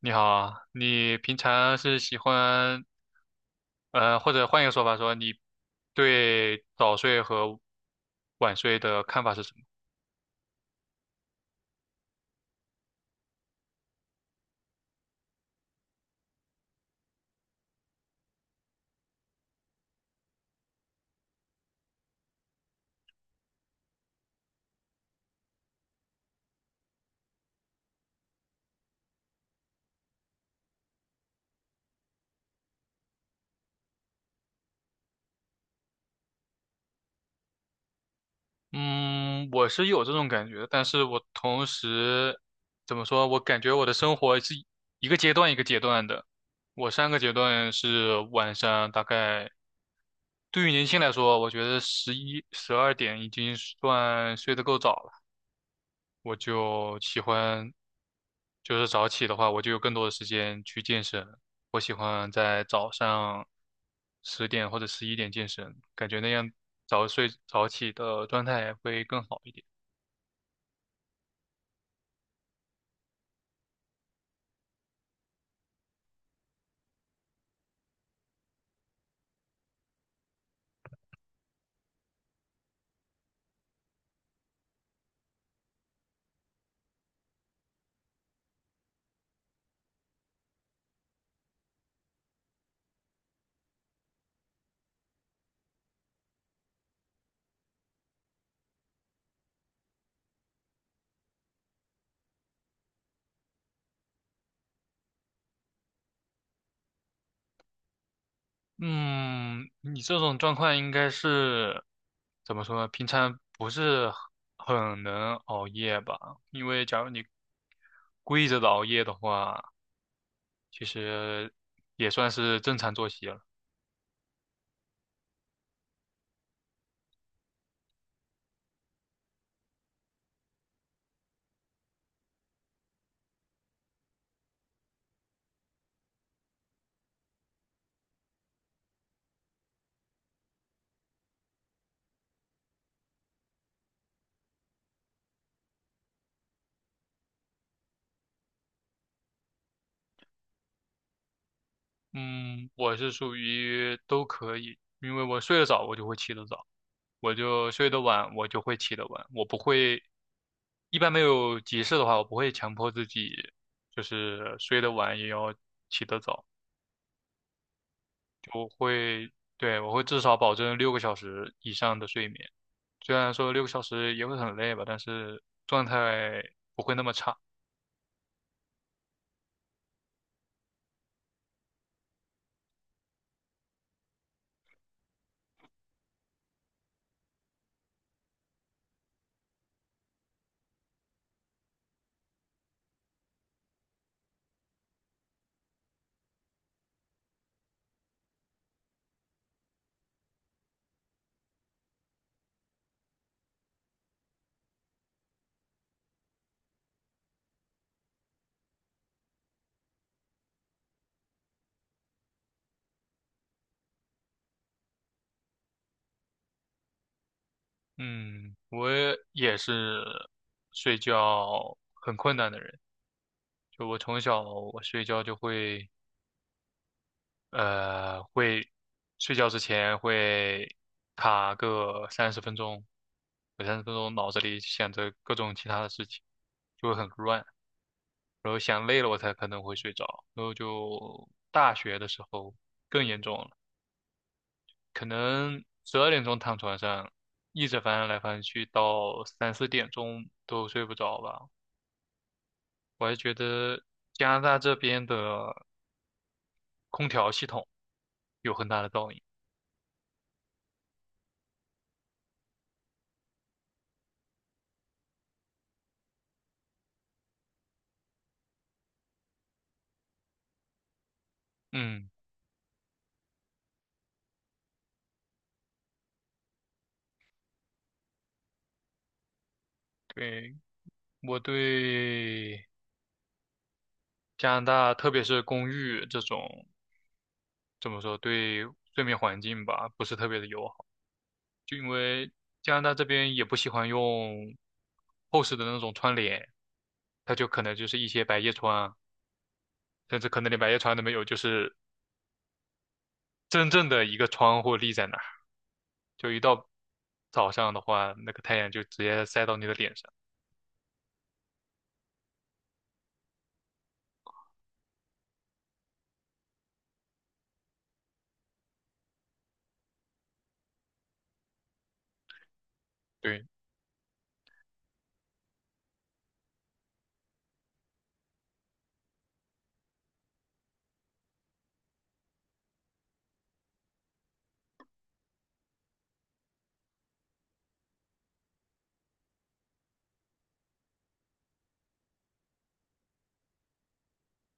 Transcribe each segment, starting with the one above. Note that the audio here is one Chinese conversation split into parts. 你好啊你平常是喜欢，或者换一个说法说，你对早睡和晚睡的看法是什么？嗯，我是有这种感觉，但是我同时怎么说，我感觉我的生活是一个阶段一个阶段的。我上个阶段是晚上大概，对于年轻来说，我觉得11、12点已经算睡得够早了。我就喜欢，就是早起的话，我就有更多的时间去健身。我喜欢在早上10点或者11点健身，感觉那样早睡早起的状态会更好一点。嗯，你这种状况应该是怎么说呢？平常不是很能熬夜吧？因为假如你跪着的熬夜的话，其实也算是正常作息了。嗯，我是属于都可以，因为我睡得早，我就会起得早；我就睡得晚，我就会起得晚。我不会，一般没有急事的话，我不会强迫自己，就是睡得晚也要起得早。对，我会至少保证六个小时以上的睡眠。虽然说六个小时也会很累吧，但是状态不会那么差。嗯，我也是睡觉很困难的人，就我从小我睡觉就会。会睡觉之前会卡个三十分钟，有三十分钟脑子里想着各种其他的事情，就会很乱，然后想累了我才可能会睡着，然后就大学的时候更严重了，可能12点钟躺床上，一直翻来翻去到三四点钟都睡不着吧。我还觉得加拿大这边的空调系统有很大的噪音。嗯，对，我对加拿大，特别是公寓这种，怎么说，对睡眠环境吧，不是特别的友好。就因为加拿大这边也不喜欢用厚实的那种窗帘，它就可能就是一些百叶窗，甚至可能连百叶窗都没有，就是真正的一个窗户立在那儿，就一到早上的话，那个太阳就直接晒到你的脸上。对，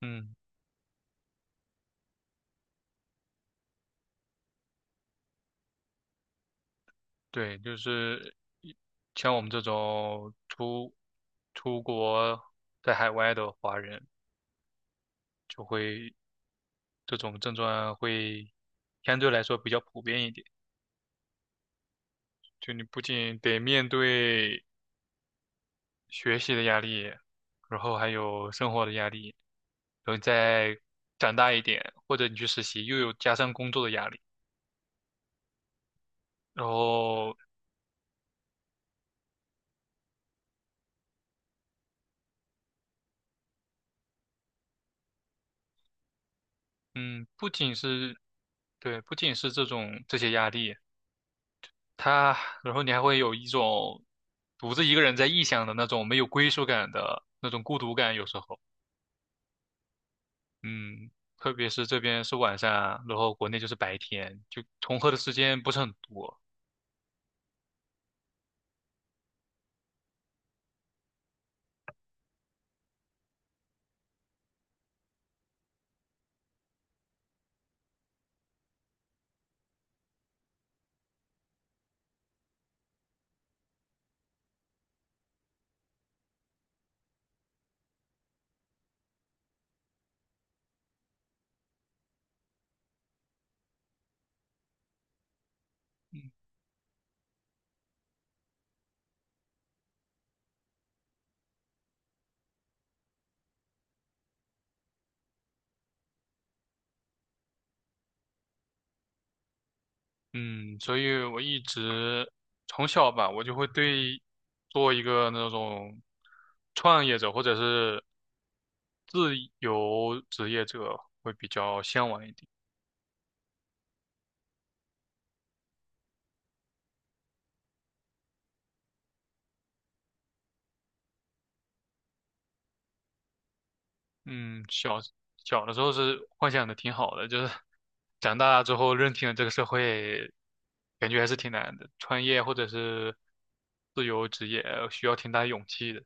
嗯。对，就是一像我们这种出国在海外的华人，就会这种症状会相对来说比较普遍一点。就你不仅得面对学习的压力，然后还有生活的压力，然后你再长大一点，或者你去实习，又有加上工作的压力。然后，嗯，不仅是对，不仅是这种这些压力，他，然后你还会有一种独自一个人在异乡的那种没有归属感的那种孤独感，有时候，嗯，特别是这边是晚上，然后国内就是白天，就重合的时间不是很多，嗯，所以我一直从小吧，我就会对做一个那种创业者或者是自由职业者会比较向往一点。嗯，小的时候是幻想的挺好的，就是长大之后认清了这个社会，感觉还是挺难的。创业或者是自由职业，需要挺大勇气的。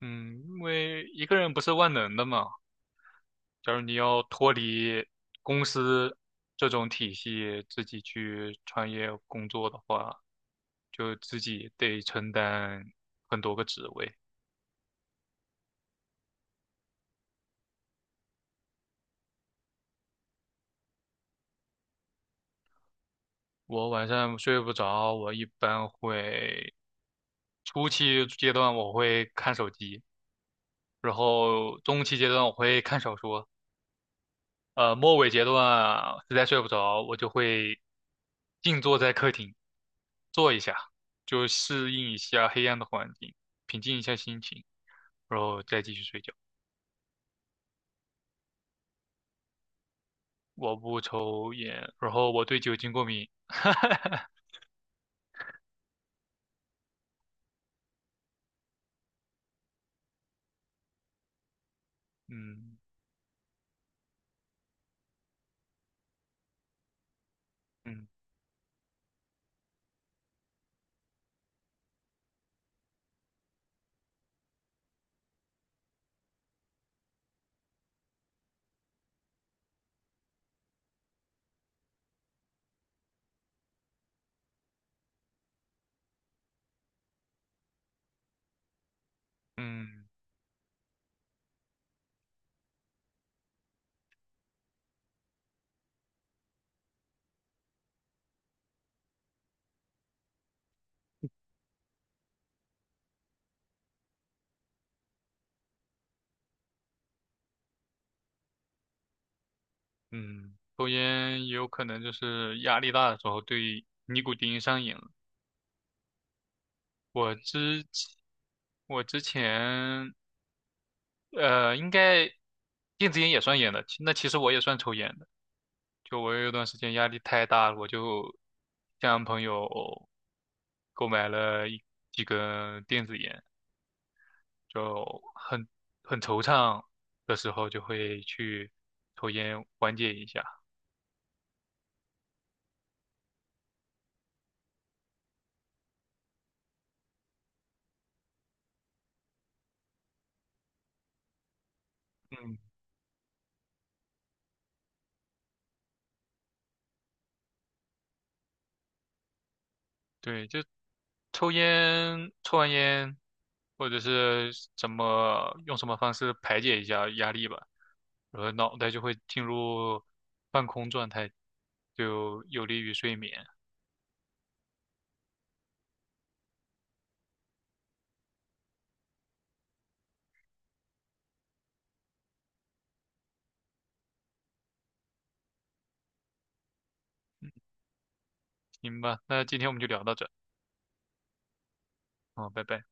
嗯，因为一个人不是万能的嘛。假如你要脱离公司这种体系，自己去创业工作的话，就自己得承担很多个职位。我晚上睡不着，我一般会。初期阶段我会看手机，然后中期阶段我会看小说，末尾阶段啊实在睡不着，我就会静坐在客厅坐一下，就适应一下黑暗的环境，平静一下心情，然后再继续睡觉。我不抽烟，然后我对酒精过敏。嗯嗯嗯嗯，抽烟也有可能就是压力大的时候对尼古丁上瘾了。我之前我之前应该电子烟也算烟的，其实我也算抽烟的。就我有一段时间压力太大了，我就向朋友购买了几根电子烟，就很很惆怅的时候就会去抽烟缓解一下。嗯。对，就抽烟，抽完烟，或者是怎么用什么方式排解一下压力吧，然后脑袋就会进入半空状态，就有利于睡眠。行吧，那今天我们就聊到这儿，嗯，拜拜。